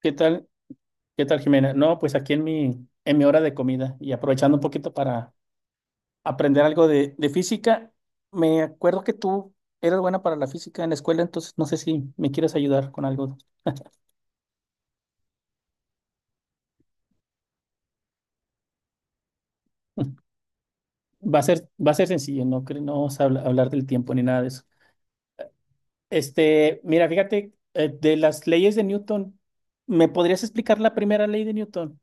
¿Qué tal? ¿Qué tal, Jimena? No, pues aquí en mi hora de comida y aprovechando un poquito para aprender algo de física, me acuerdo que tú eras buena para la física en la escuela, entonces no sé si me quieres ayudar con algo. Va a ser, va a ser sencillo, no, no vamos a hablar del tiempo ni nada de eso. Este, mira, fíjate, de las leyes de Newton, ¿me podrías explicar la primera ley de Newton?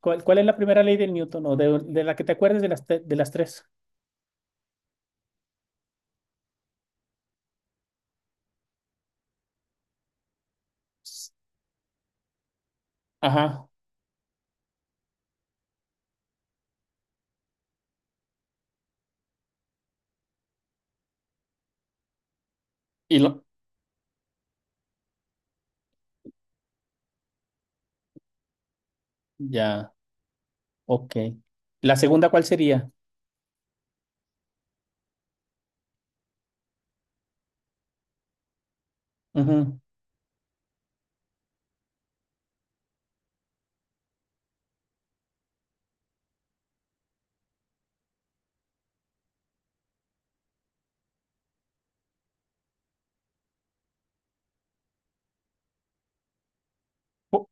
¿Cuál es la primera ley de Newton o de la que te acuerdes de las tres? S- Ajá, y lo, ya. Ok. ¿La segunda cuál sería? Ujú. Cu-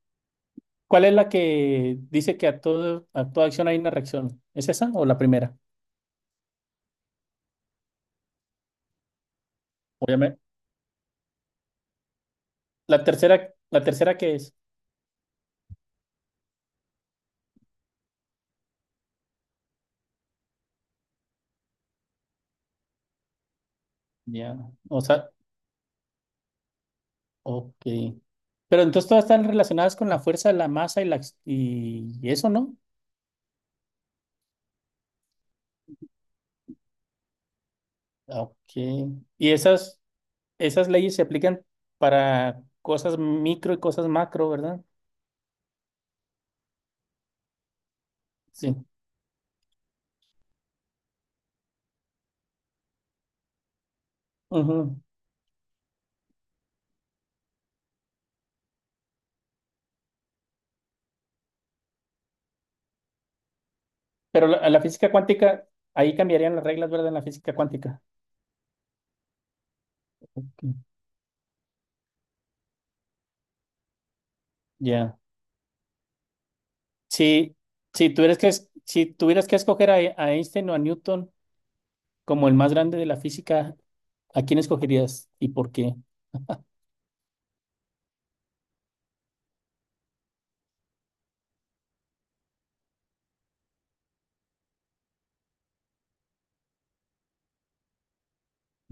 ¿Cuál es la que dice que a todo, a toda acción hay una reacción? ¿Es esa o la primera? Obviamente. La tercera, ¿qué es? Ya. O sea, ok. Pero entonces todas están relacionadas con la fuerza, la masa y y eso, ¿no? Ok. Y esas leyes se aplican para cosas micro y cosas macro, ¿verdad? Sí. Ujú. Pero la física cuántica, ahí cambiarían las reglas, ¿verdad? En la física cuántica. Ya. Si, si tuvieras que escoger a Einstein o a Newton como el más grande de la física, ¿a quién escogerías y por qué?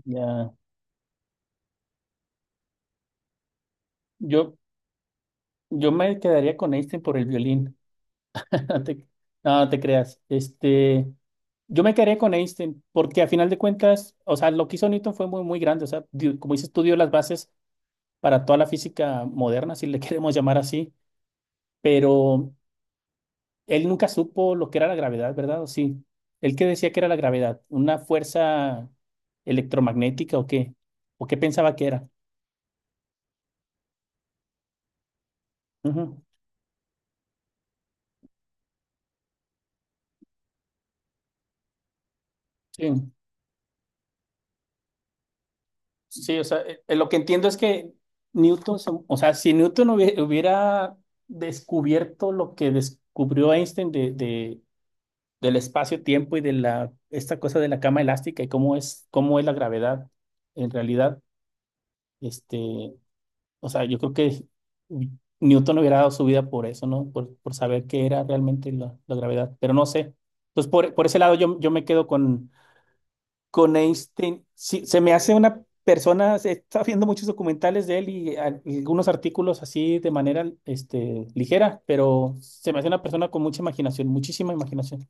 Ya. Yo, yo me quedaría con Einstein por el violín. No te, no te creas. Este, yo me quedaría con Einstein porque a final de cuentas, o sea, lo que hizo Newton fue muy, muy grande. O sea, como dices, tú dio las bases para toda la física moderna, si le queremos llamar así. Pero él nunca supo lo que era la gravedad, ¿verdad? ¿O sí? ¿Él qué decía que era la gravedad? ¿Una fuerza electromagnética o qué? ¿O qué pensaba que era? Ujú. Sí, sí, o sea, lo que entiendo es que Newton, o sea, si Newton hubiera descubierto lo que descubrió Einstein de, del espacio-tiempo y de esta cosa de la cama elástica y cómo es la gravedad en realidad, este, o sea, yo creo que Newton hubiera dado su vida por eso, ¿no? Por saber qué era realmente la gravedad, pero no sé. Entonces, por ese lado yo me quedo con Einstein. Sí, se me hace una persona, estaba viendo muchos documentales de él y y algunos artículos así de manera este, ligera, pero se me hace una persona con mucha imaginación, muchísima imaginación.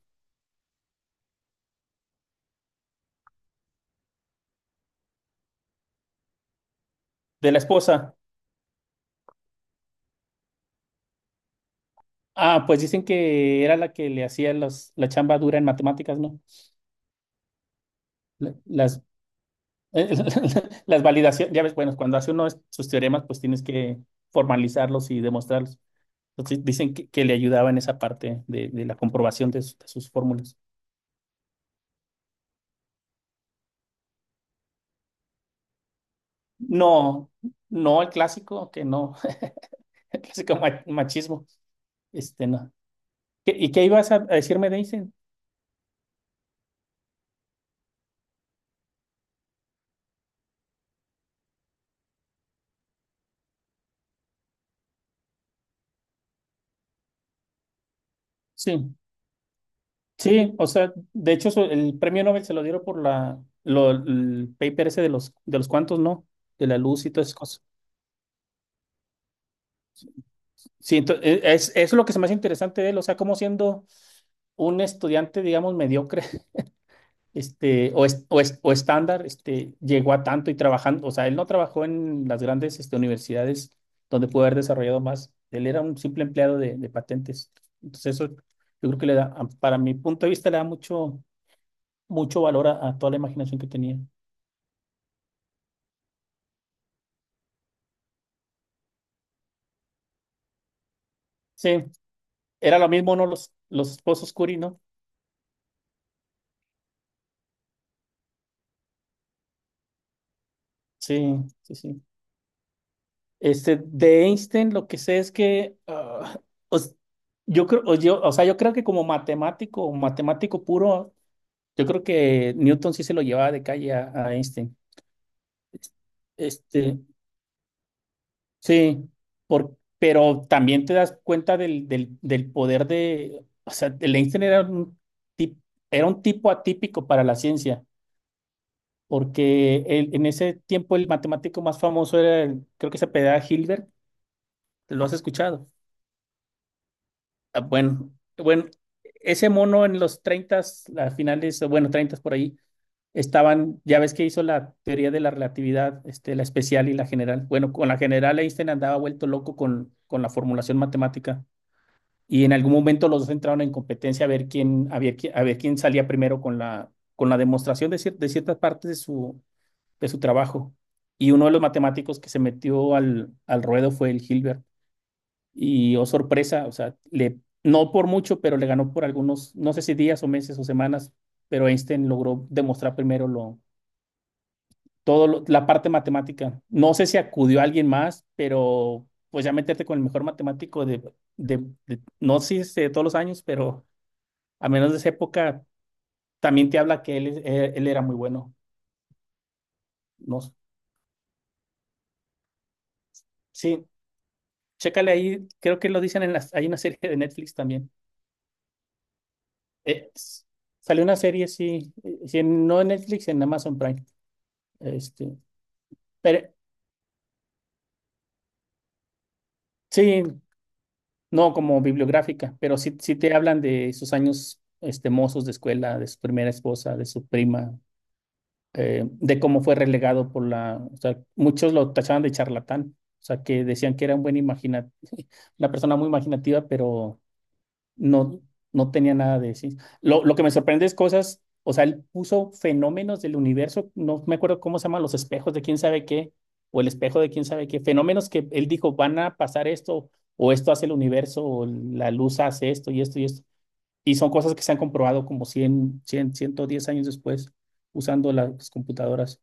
De la esposa. Ah, pues dicen que era la que le hacía la chamba dura en matemáticas, ¿no? La- Las Eh, Las validaciones, ya ves, bueno, cuando hace uno sus teoremas, pues tienes que formalizarlos y demostrarlos. Entonces dicen que le ayudaba en esa parte de la comprobación de sus fórmulas. No, no el clásico, que no, el clásico machismo, este no. ¿Y qué ibas a decirme de Einstein? Sí, sí, o sea, de hecho el premio Nobel se lo dieron por el paper ese de los cuantos, ¿no? De la luz y todas esas cosas. Sí, eso es lo que se me hace interesante de él, o sea, cómo siendo un estudiante, digamos, mediocre, este, o estándar, este, llegó a tanto y trabajando, o sea, él no trabajó en las grandes, este, universidades donde pudo haber desarrollado más. Él era un simple empleado de patentes. Entonces, eso yo creo que le da, para mi punto de vista, le da mucho, mucho valor a toda la imaginación que tenía. Sí, era lo mismo, ¿no? Los esposos Curie, ¿no? Sí, sí, sí. Este, de Einstein lo que sé es que os- yo creo que como matemático, o matemático puro, yo creo que Newton sí se lo llevaba de calle a Einstein. Este, sí, pero también te das cuenta del poder de, o sea, el Einstein tip- era un tipo atípico para la ciencia, porque en ese tiempo el matemático más famoso era, creo que se apellidaba Hilbert, ¿lo has escuchado? Ah, bueno, bueno, ese mono en los 30, las finales, bueno, 30 por ahí, estaban, ya ves que hizo la teoría de la relatividad, este, la especial y la general. Bueno, con la general Einstein andaba vuelto loco con la formulación matemática y en algún momento los dos entraron en competencia a ver quién salía primero con la demostración de ciertas partes de su trabajo. Y uno de los matemáticos que se metió al ruedo fue el Hilbert. Y oh sorpresa, o sea, le, no por mucho, pero le ganó por algunos, no sé si días o meses o semanas, pero Einstein logró demostrar primero la parte matemática. No sé si acudió a alguien más, pero pues ya meterte con el mejor matemático de, no sé si de todos los años, pero a menos de esa época, también te habla que él, él era muy bueno. No, sí, chécale ahí, creo que lo dicen en hay una serie de Netflix también. Eh, s- Salió una serie, sí, sí, no en Netflix, en Amazon Prime. Este, pero sí, no como bibliográfica, pero sí, sí te hablan de sus años este, mozos de escuela, de su primera esposa, de su prima, de cómo fue relegado o sea, muchos lo tachaban de charlatán, o sea, que decían que era un buen imagina, una persona muy imaginativa, pero no, no tenía nada de ciencia. Lo que me sorprende es cosas, o sea, él puso fenómenos del universo, no me acuerdo cómo se llaman los espejos de quién sabe qué, o el espejo de quién sabe qué, fenómenos que él dijo, van a pasar esto, o esto hace el universo, o la luz hace esto y esto y esto. Y son cosas que se han comprobado como ciento diez años después usando las computadoras.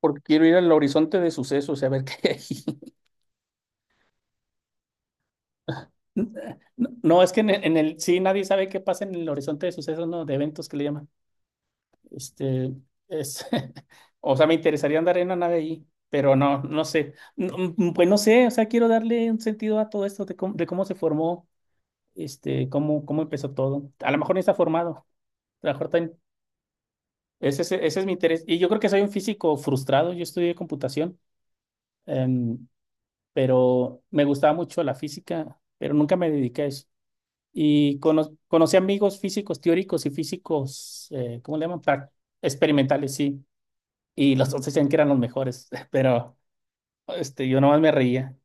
Porque quiero ir al horizonte de sucesos y a ver qué hay. No, no, es que sí nadie sabe qué pasa en el horizonte de sucesos, no, de eventos que le llaman. Este, es, o sea, me interesaría andar en una nave ahí, pero no, no sé. No, pues no sé, o sea, quiero darle un sentido a todo esto de cómo se formó, este, cómo empezó todo. A lo mejor no está formado. A lo mejor ese es mi interés. Y yo creo que soy un físico frustrado. Yo estudié computación, em, pero me gustaba mucho la física, pero nunca me dediqué a eso. Y conocí amigos físicos teóricos y físicos, ¿cómo le llaman? Experimentales, sí. Y los otros decían que eran los mejores, pero este, yo nomás me reía.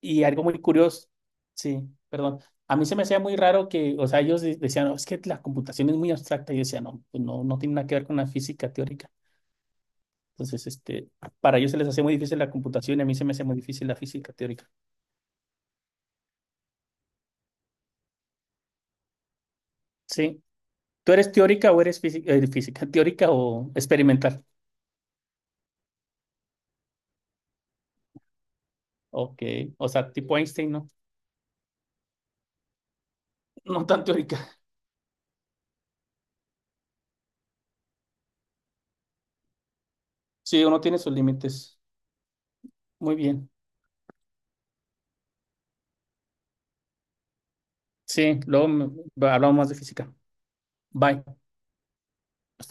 Y algo muy curioso, sí, perdón. A mí se me hacía muy raro que, o sea, ellos decían, "No, es que la computación es muy abstracta". Y yo decía, no, pues no, no tiene nada que ver con la física teórica. Entonces, este, para ellos se les hacía muy difícil la computación y a mí se me hacía muy difícil la física teórica. Sí. ¿Tú eres teórica o eres física teórica o experimental? Ok. O sea, tipo Einstein, ¿no? No tan teórica. Sí, uno tiene sus límites. Muy bien. Sí, luego hablamos más de física. Bye.